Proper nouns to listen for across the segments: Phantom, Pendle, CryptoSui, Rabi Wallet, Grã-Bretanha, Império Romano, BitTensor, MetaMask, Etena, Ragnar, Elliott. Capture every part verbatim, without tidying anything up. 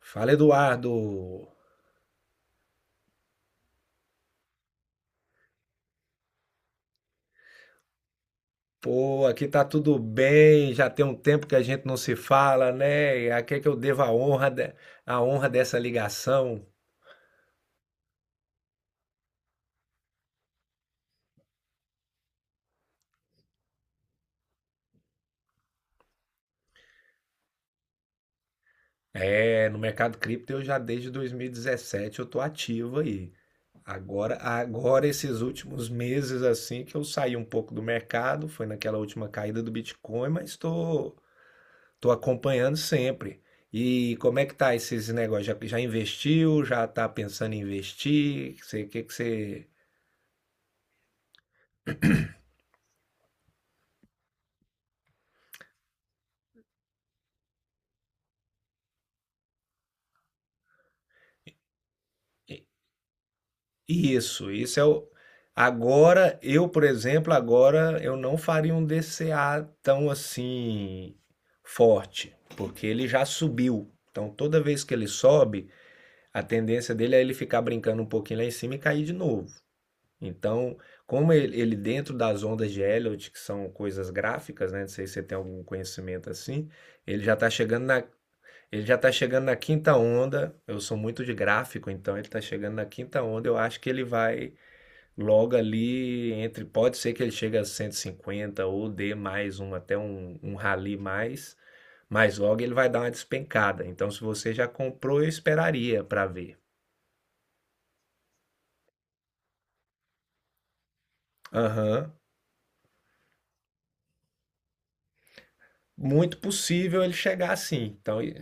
Fala, Eduardo. Pô, aqui tá tudo bem, já tem um tempo que a gente não se fala, né? E a que é que eu devo a honra, de- a honra dessa ligação? É, no mercado cripto eu já desde dois mil e dezessete eu tô ativo aí. Agora, agora esses últimos meses assim que eu saí um pouco do mercado, foi naquela última caída do Bitcoin, mas tô, tô acompanhando sempre. E como é que tá esses negócios? Já, já investiu? Já tá pensando em investir? O que que você. Isso, isso é o. Agora, eu, por exemplo, agora eu não faria um D C A tão assim forte, porque ele já subiu. Então, toda vez que ele sobe, a tendência dele é ele ficar brincando um pouquinho lá em cima e cair de novo. Então, como ele, ele dentro das ondas de Elliott que são coisas gráficas, né? Não sei se você tem algum conhecimento assim, ele já está chegando na, ele já está chegando na quinta onda. Eu sou muito de gráfico, então ele está chegando na quinta onda. Eu acho que ele vai. Logo ali, entre, pode ser que ele chegue a cento e cinquenta ou dê mais um, até um, um rally mais, mas logo ele vai dar uma despencada. Então, se você já comprou, eu esperaria para ver. Aham. Muito possível ele chegar assim. Então, i-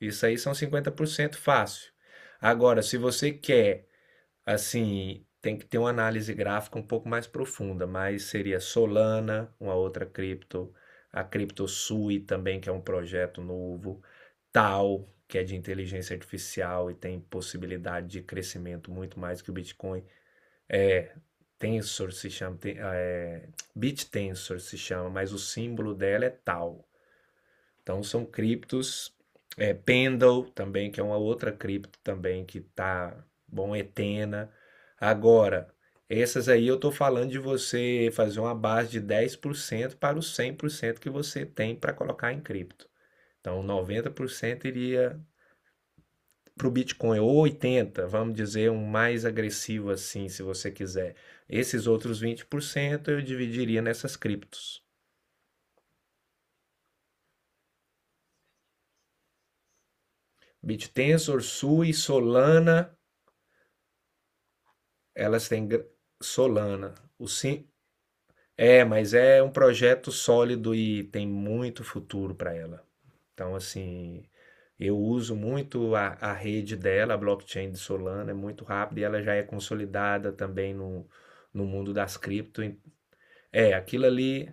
isso aí são cinquenta por cento fácil. Agora, se você quer, assim, tem que ter uma análise gráfica um pouco mais profunda, mas seria Solana, uma outra cripto, a CryptoSui também, que é um projeto novo, tal, que é de inteligência artificial e tem possibilidade de crescimento muito mais que o Bitcoin. É, Tensor se chama, tem, é, BitTensor se chama, mas o símbolo dela é tal. Então são criptos, é, Pendle também, que é uma outra cripto também que tá bom, Etena. Agora, essas aí eu tô falando de você fazer uma base de dez por cento para os cem por cento que você tem para colocar em cripto. Então noventa por cento iria para o Bitcoin, ou oitenta, vamos dizer, um mais agressivo assim, se você quiser. Esses outros vinte por cento eu dividiria nessas criptos. BitTensor, Sui, Solana, elas têm. Solana. O, sim, é, mas é um projeto sólido e tem muito futuro para ela. Então, assim, eu uso muito a, a rede dela, a blockchain de Solana, é muito rápida e ela já é consolidada também no, no mundo das cripto. É, aquilo ali.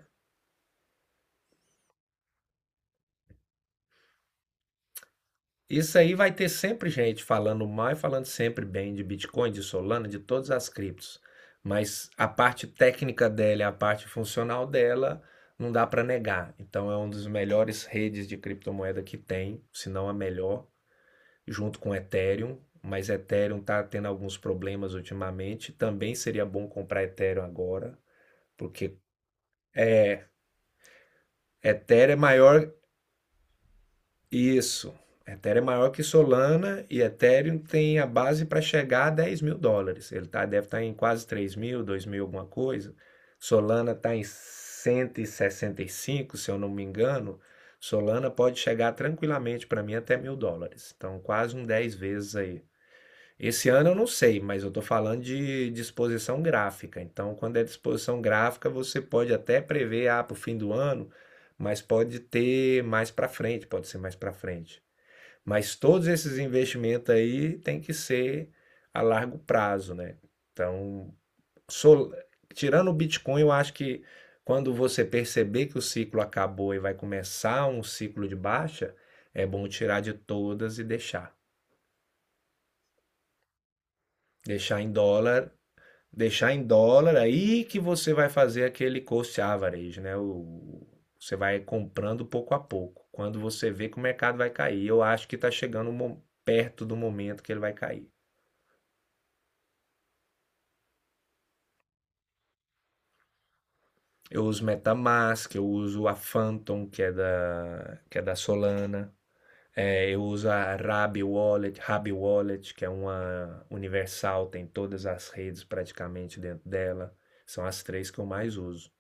Isso aí vai ter sempre gente falando mal e falando sempre bem de Bitcoin, de Solana, de todas as criptos. Mas a parte técnica dela a parte funcional dela não dá para negar. Então é uma das melhores redes de criptomoeda que tem, se não a melhor, junto com Ethereum. Mas Ethereum está tendo alguns problemas ultimamente. Também seria bom comprar Ethereum agora, porque Ethereum é maior. Isso. Ethereum é maior que Solana e Ethereum tem a base para chegar a dez mil dólares. Ele tá, deve estar em quase três mil, dois mil, alguma coisa. Solana está em cento e e sessenta e cinco, se eu não me engano. Solana pode chegar tranquilamente para mim até mil dólares. Então, quase um dez vezes aí. Esse ano eu não sei, mas eu estou falando de disposição gráfica. Então, quando é disposição gráfica, você pode até prever, ah, para o fim do ano, mas pode ter mais para frente, pode ser mais para frente. Mas todos esses investimentos aí tem que ser a largo prazo, né? Então, sol- tirando o Bitcoin, eu acho que quando você perceber que o ciclo acabou e vai começar um ciclo de baixa, é bom tirar de todas e deixar. Deixar em dólar Deixar em dólar, aí que você vai fazer aquele cost average, né? O, você vai comprando pouco a pouco, quando você vê que o mercado vai cair. Eu acho que está chegando mo- perto do momento que ele vai cair. Eu uso MetaMask, eu uso a Phantom, que é da, que é da Solana. É, eu uso a Rabi Wallet, Rabi Wallet, que é uma universal, tem todas as redes praticamente dentro dela. São as três que eu mais uso.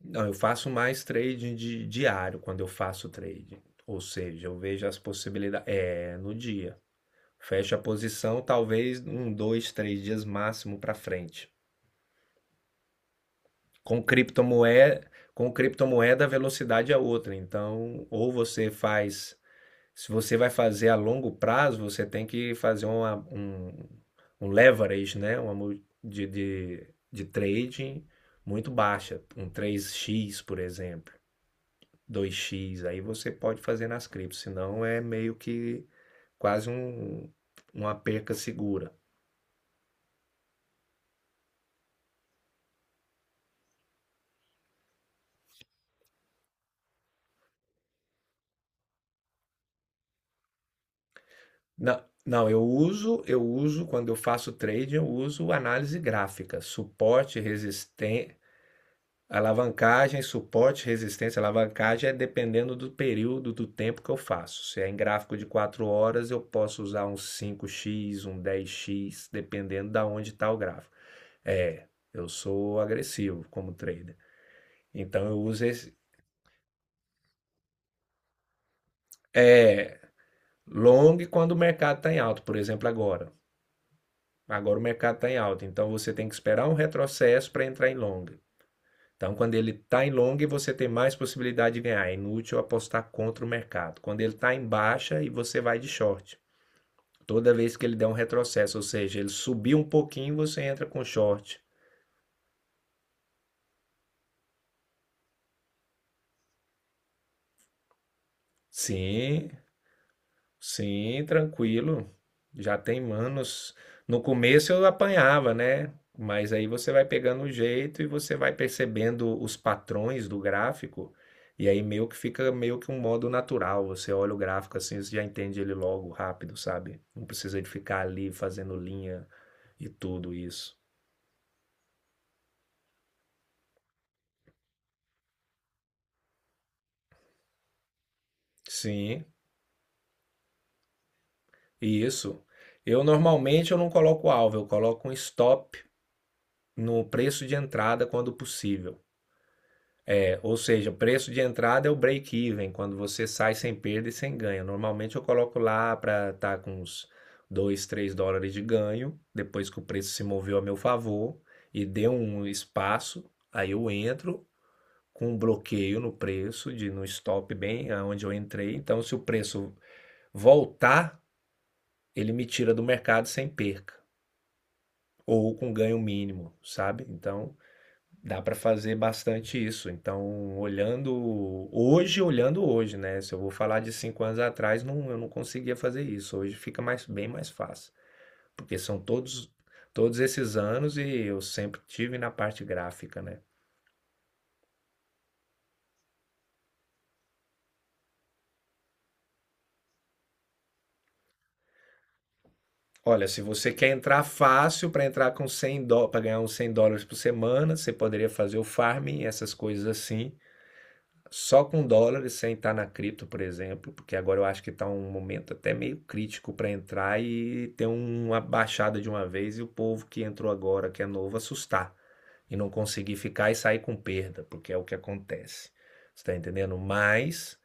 Não, eu faço mais trading de- diário quando eu faço trading. Ou seja, eu vejo as possibilidades. É, no dia. Fecho a posição, talvez um, dois, três dias máximo para frente. Com criptomoeda, com criptomoeda, a velocidade é outra. Então, ou você faz. Se você vai fazer a longo prazo, você tem que fazer uma, um, um leverage, né? Uma mu- de, de, de trading muito baixa. Um três x por exemplo, dois x aí você pode fazer nas criptos, senão é meio que quase um, uma perca segura. Não, não, eu uso, eu uso quando eu faço trading, eu uso análise gráfica, suporte, resistência, alavancagem, suporte, resistência, alavancagem é dependendo do período do tempo que eu faço. Se é em gráfico de quatro horas, eu posso usar um cinco x um dez x dependendo da onde está o gráfico. É, eu sou agressivo como trader. Então eu uso. É, long quando o mercado está em alta, por exemplo, agora. Agora o mercado está em alta, então você tem que esperar um retrocesso para entrar em long. Então, quando ele está em long, você tem mais possibilidade de ganhar. É inútil apostar contra o mercado. Quando ele está em baixa e você vai de short. Toda vez que ele der um retrocesso, ou seja, ele subir um pouquinho, você entra com short. Sim, sim, tranquilo. Já tem anos. No começo eu apanhava, né? Mas aí você vai pegando o jeito e você vai percebendo os patrões do gráfico, e aí meio que fica meio que um modo natural. Você olha o gráfico assim, você já entende ele logo, rápido, sabe? Não precisa de ficar ali fazendo linha e tudo isso. Sim, isso. Eu normalmente eu não coloco alvo, eu coloco um stop no preço de entrada quando possível. Ou seja, o preço de entrada é o break-even, quando você sai sem perda e sem ganho. Normalmente eu coloco lá para estar tá com uns dois, três dólares de ganho, depois que o preço se moveu a meu favor e deu um espaço, aí eu entro com um bloqueio no preço, de no stop bem onde eu entrei. Então, se o preço voltar, ele me tira do mercado sem perca, ou com ganho mínimo, sabe? Então, dá para fazer bastante isso. Então, olhando hoje, olhando hoje, né? Se eu vou falar de cinco anos atrás, não, eu não conseguia fazer isso. Hoje fica mais, bem mais fácil, porque são todos, todos esses anos e eu sempre tive na parte gráfica, né? Olha, se você quer entrar fácil para entrar com cem dólares, para ganhar uns cem dólares por semana, você poderia fazer o farming, essas coisas assim. Só com dólares, sem estar na cripto, por exemplo, porque agora eu acho que está um momento até meio crítico para entrar e ter uma baixada de uma vez e o povo que entrou agora, que é novo, assustar e não conseguir ficar e sair com perda, porque é o que acontece. Você está entendendo? Mas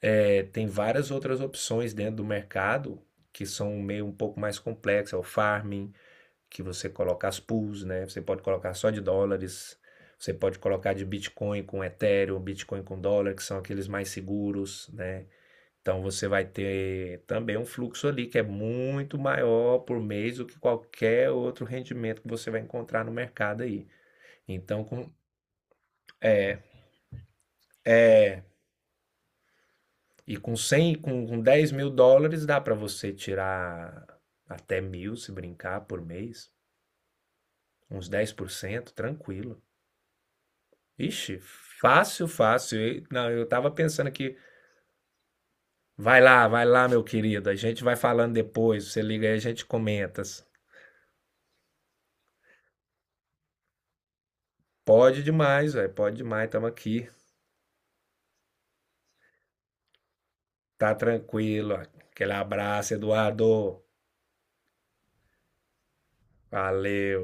é, tem várias outras opções dentro do mercado que são meio um pouco mais complexas, é o farming, que você coloca as pools, né? Você pode colocar só de dólares, você pode colocar de Bitcoin com Ethereum, Bitcoin com dólar, que são aqueles mais seguros, né? Então você vai ter também um fluxo ali que é muito maior por mês do que qualquer outro rendimento que você vai encontrar no mercado aí. Então, com, é, é, e com cem com, com dez mil dólares dá para você tirar até mil, se brincar, por mês, uns dez por cento, tranquilo. Ixi, fácil, fácil. E- Não, eu tava pensando aqui. Vai lá, vai lá, meu querido. A gente vai falando depois. Você liga aí, a gente comenta. Pode demais, velho. Pode demais. Tamo aqui. Tá tranquilo. Ó. Aquele abraço, Eduardo. Valeu.